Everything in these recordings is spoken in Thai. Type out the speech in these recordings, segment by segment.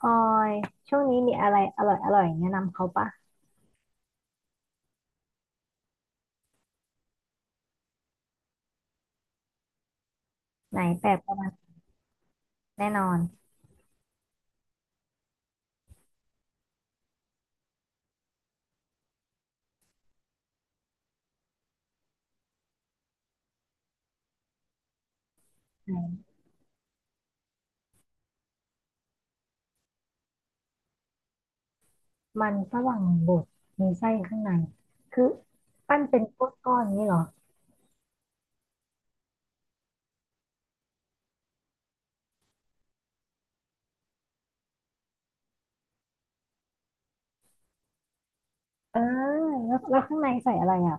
ออยช่วงนี้มีอะไรอร่อยอร่อยแนะนำเขาปะไหนแบบประมาณแน่นอนไหนมันฝรั่งบดมีไส้ข้างในคือปั้นเป็นก้อนก้อนนี้เหรอเออแล้วข้างในใส่อะไรอ่ะ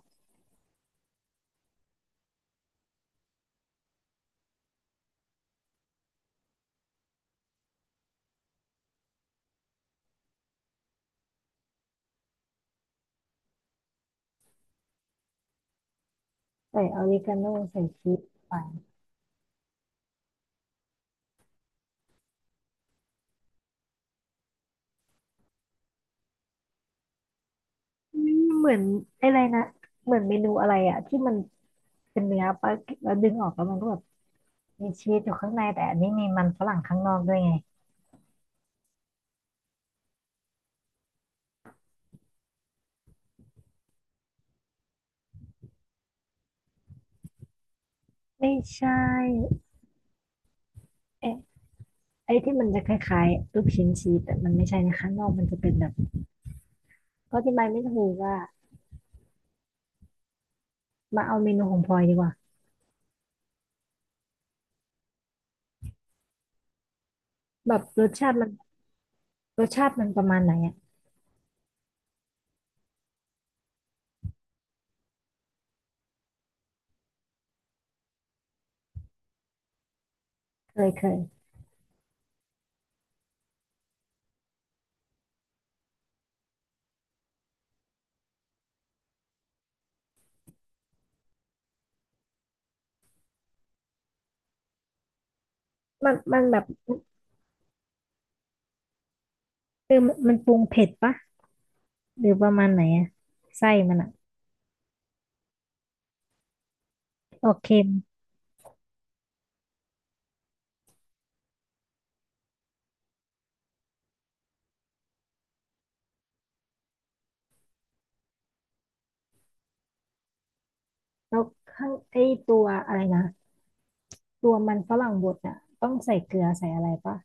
ใส่ออริกาโนใส่ชีสไปอืมเหมือนอะไรนะเหมือนเมนูอะไรอ่ะที่มันเป็นเนื้อปะแล้วดึงออกแล้วมันก็แบบมีชีสอยู่ข้างในแต่อันนี้มีมันฝรั่งข้างนอกด้วยไงไม่ใช่เอ๊ะไอ้ที่มันจะคล้ายๆลูกชิ้นชีสแต่มันไม่ใช่นะข้างนอกมันจะเป็นแบบ เขาอธิบายไม่ถูกอ่ะมาเอาเมนูของพลอยดีกว่าแบบรสชาติมันรสชาติมันประมาณไหนอ่ะเคยเคยมันมันแบบเออมันมันปรุงเผ็ดปะหรือประมาณไหนอ่ะไส้มันอ่ะออกเค็มแล้วข้างไอ้ตัวอะไรนะตัวมันฝรั่งบดอ่ะต้องใส่เกลือใส่อะไรปะ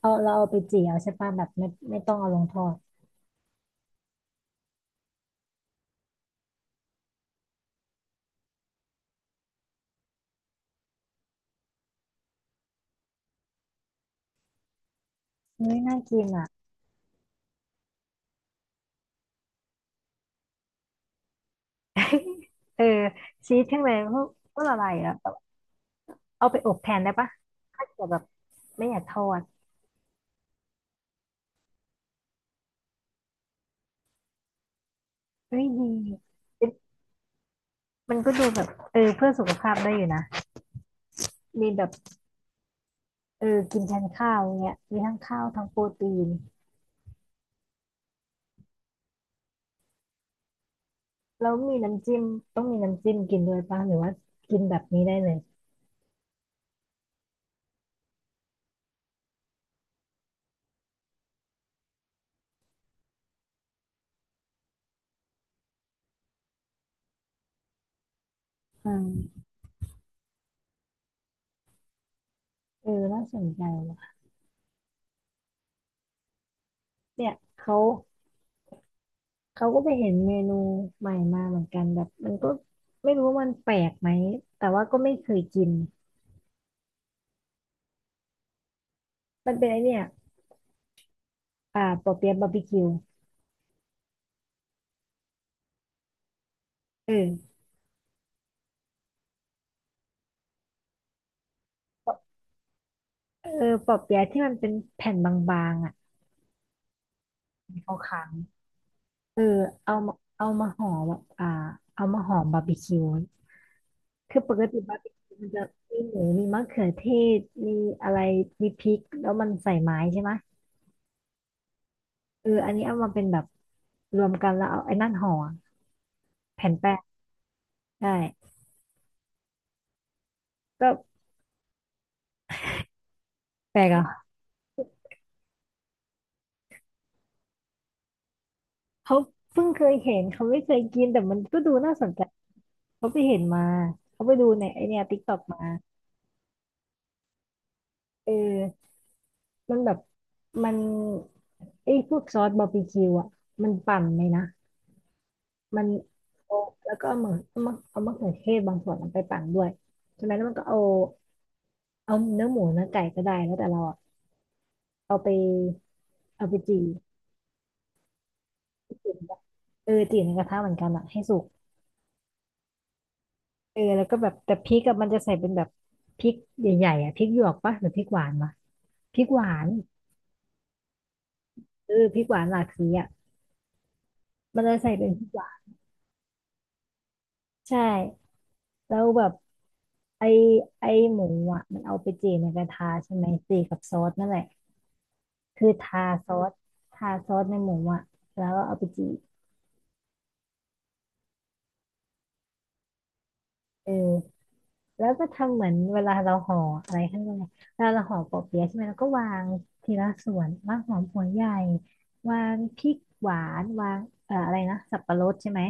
เอาเราเอาไปเจียวใช่ปะแบบไม่ต้องเอาลงทอดเฮ้ยน่ากินอ่ะ เออชีสทั้งเลยพวกพวกละลายอ่ะเอาไปอบแทนได้ปะถ้าเกิดแบบไม่อยากทอดเฮ้ยดี มันก็ดูแบบเออเพื่อสุขภาพได้อยู่นะมีแบบเออกินแทนข้าวเงี้ยมีทั้งข้าวทั้งโปรตีนแล้วมีน้ำจิ้มต้องมีน้ำจิ้มกินด้วยป่ะหรือว่ากินแบบนี้ได้เลยอืมเออน่าสนใจว่ะเนี่ยเขาเขาก็ไปเห็นเมนูใหม่มาเหมือนกันแบบมันก็ไม่รู้ว่ามันแปลกไหมแต่ว่าก็ไม่เคยกินมันเป็นไอเนี่ยอ่าปอเปี๊ยะบาร์บีคิวเออเออปอเปี๊ยะที่มันเป็นแผ่นบางๆอ่ะขาว เออเอามาเอามาห่อแบบอ่าเอามาห่อบาร์บีคิวคือปกติบาร์บีคิวมันจะมีหมูมีมะเขือเทศมีอะไรมีพริกแล้วมันใส่ไม้ใช่ไหมเอออันนี้เอามาเป็นแบบรวมกันแล้วเอาไอ้นั่นห่อแผ่นแป้งได้ก็แปลกอ่ะเขาเพิ่งเคยเห็นเขาไม่เคยกินแต่มันก็ดูน่าสนใจเขาไปเห็นมาเขาไปดูในไอเนี่ยติ๊กต็อกมาเออมันแบบมันไอ้พวกซอสบาร์บีคิวอ่ะมันปั่นเลยนะ มันเอาแล้วก็เอามะเขือเทศบางส่วนเอาไปปั่นด้วยใช่ไหมแล้วมันก็เอาเนื้อหมูเนื้อไก่ก็ได้แล้วแต่เราอะเอาไปเอาไปจี่จี่เออจี่ในกระทะเหมือนกันอะให้สุกเออแล้วก็แบบแต่พริกอะมันจะใส่เป็นแบบพริกใหญ่ๆอะพริกหยวกปะหรือพริกหวานวะพริกหวานเออพริกหวานหลากสีอะมันจะใส่เป็นพริกหวานใช่แล้วแบบไอไอหมูอะมันเอาไปจี่ในกระทะใช่ไหมจี่กับซอสนั่นแหละ คือซอสทาซอสในหมูอ่ะแล้วก็เอาไปจีบเออแล้วก็ทำเหมือนเวลาเราห่ออะไรข้างในเวลาเราห่อปอเปี๊ยะใช่ไหมเราก็วางทีละส่วนวางหอมหัวใหญ่วางพริกหวานวางอะไรนะสับปะรดใช่ไหม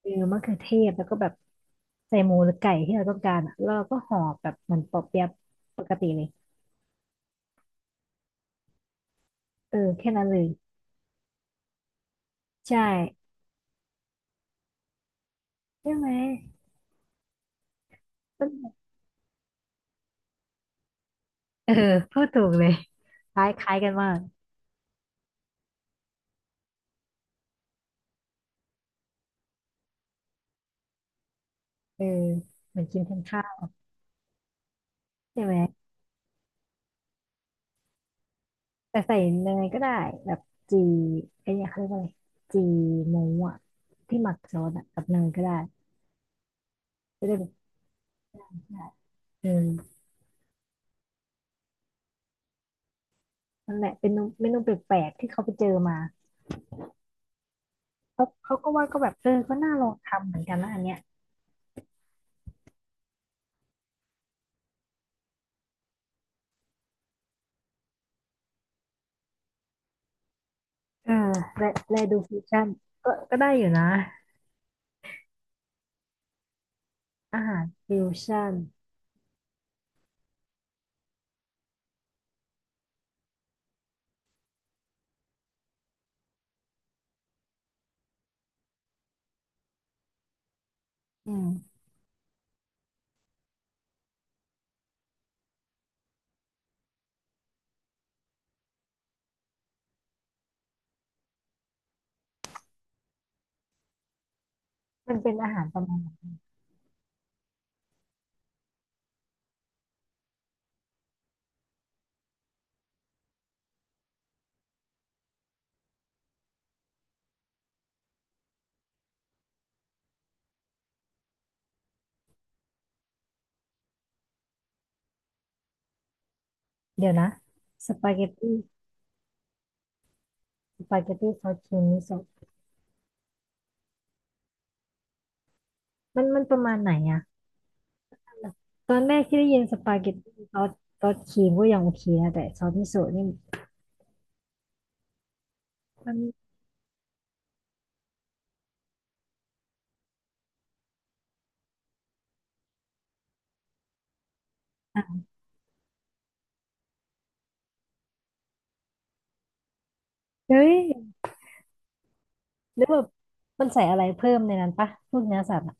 เออมะเขือเทศแล้วก็แบบใส่หมูหรือไก่ที่เราต้องการอ่ะแล้วเราก็ห่อแบบเหมือนปอเปี๊ยะปกติเลยเออแค่นั้นเลยใช่ใช่ไหมต้นเออพูดถูกเลยคล้ายคล้ายกันมากเออเหมือนกินทั้งข้าว ใช่ไหมแต่ใส่เนยก็ได้แบบจีไอ้เนี่ยเขาเรียกว่าอะไรจีหมูอ่ะที่หมักซอสอะกับเนยก็ได้จะได้แบบได้เออนั่นแหละเป็นเมนูเมนูแปลกๆที่เขาไปเจอมาเขาเขาก็ว่าก็แบบเออก็น่าลองทำเหมือนกันนะอันเนี้ยเออและและดูฟิวชั่นก็ก็ได้อยู่นะอาหารฟิวชั่นอืมมันเป็นอาหารประมาณไหนเดี๋ยวนะสปาเกตตี้สปาเกตตี้ซอสครีมมิโซะมันมันประมาณไหนอะ ตอนแรกที่ได้ยินสปาเกตตี้ซอสซอสครีมก็ยังโอเคนะแต่ซอสมิโซะนี่มันอ่ะเฮ้ยหรือแบบมันใส่อะไรเพิ่มในนั้นปะพวกเนื้อสัตว์อะ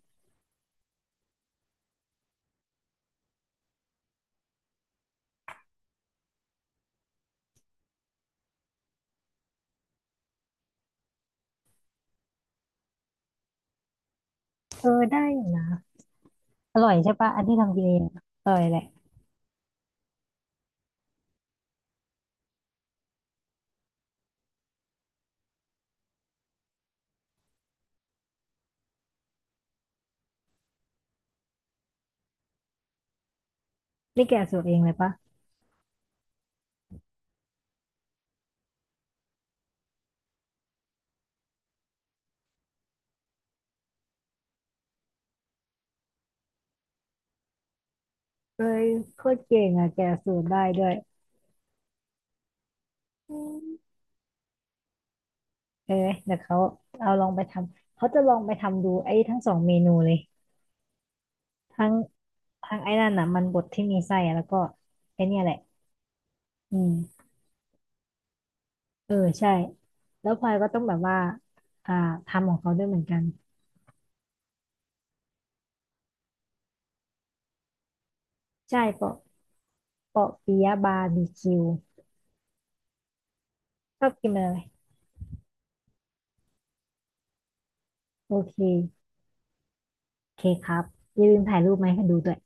เออได้อยู่นะอร่อยใช่ปะอันที่ทำกินเองอะอร่อยแหละนี่แกะสูตรเองเลยปะเอ้ยโคตรเก่งอ่ะแกะสูตรได้ด้วยอืมเออเดี๋ยวเขาเอาลองไปทำเขาจะลองไปทำดูไอ้ทั้งสองเมนูเลยทั้งทั้งไอ้นั่นน่ะมันบดที่มีไส้อะแล้วก็ไอ้เนี่ยแหละอืม เออใช่แล้วพลอยก็ต้องแบบว่าอ่าทำของเขาด้วยเหมือนกันใช่เปาะเปาะปิยะบาร์บีคิวชอบกินอะไรโอเคโอเคครับอย่าลืมถ่ายรูปมาให้ดูด้วย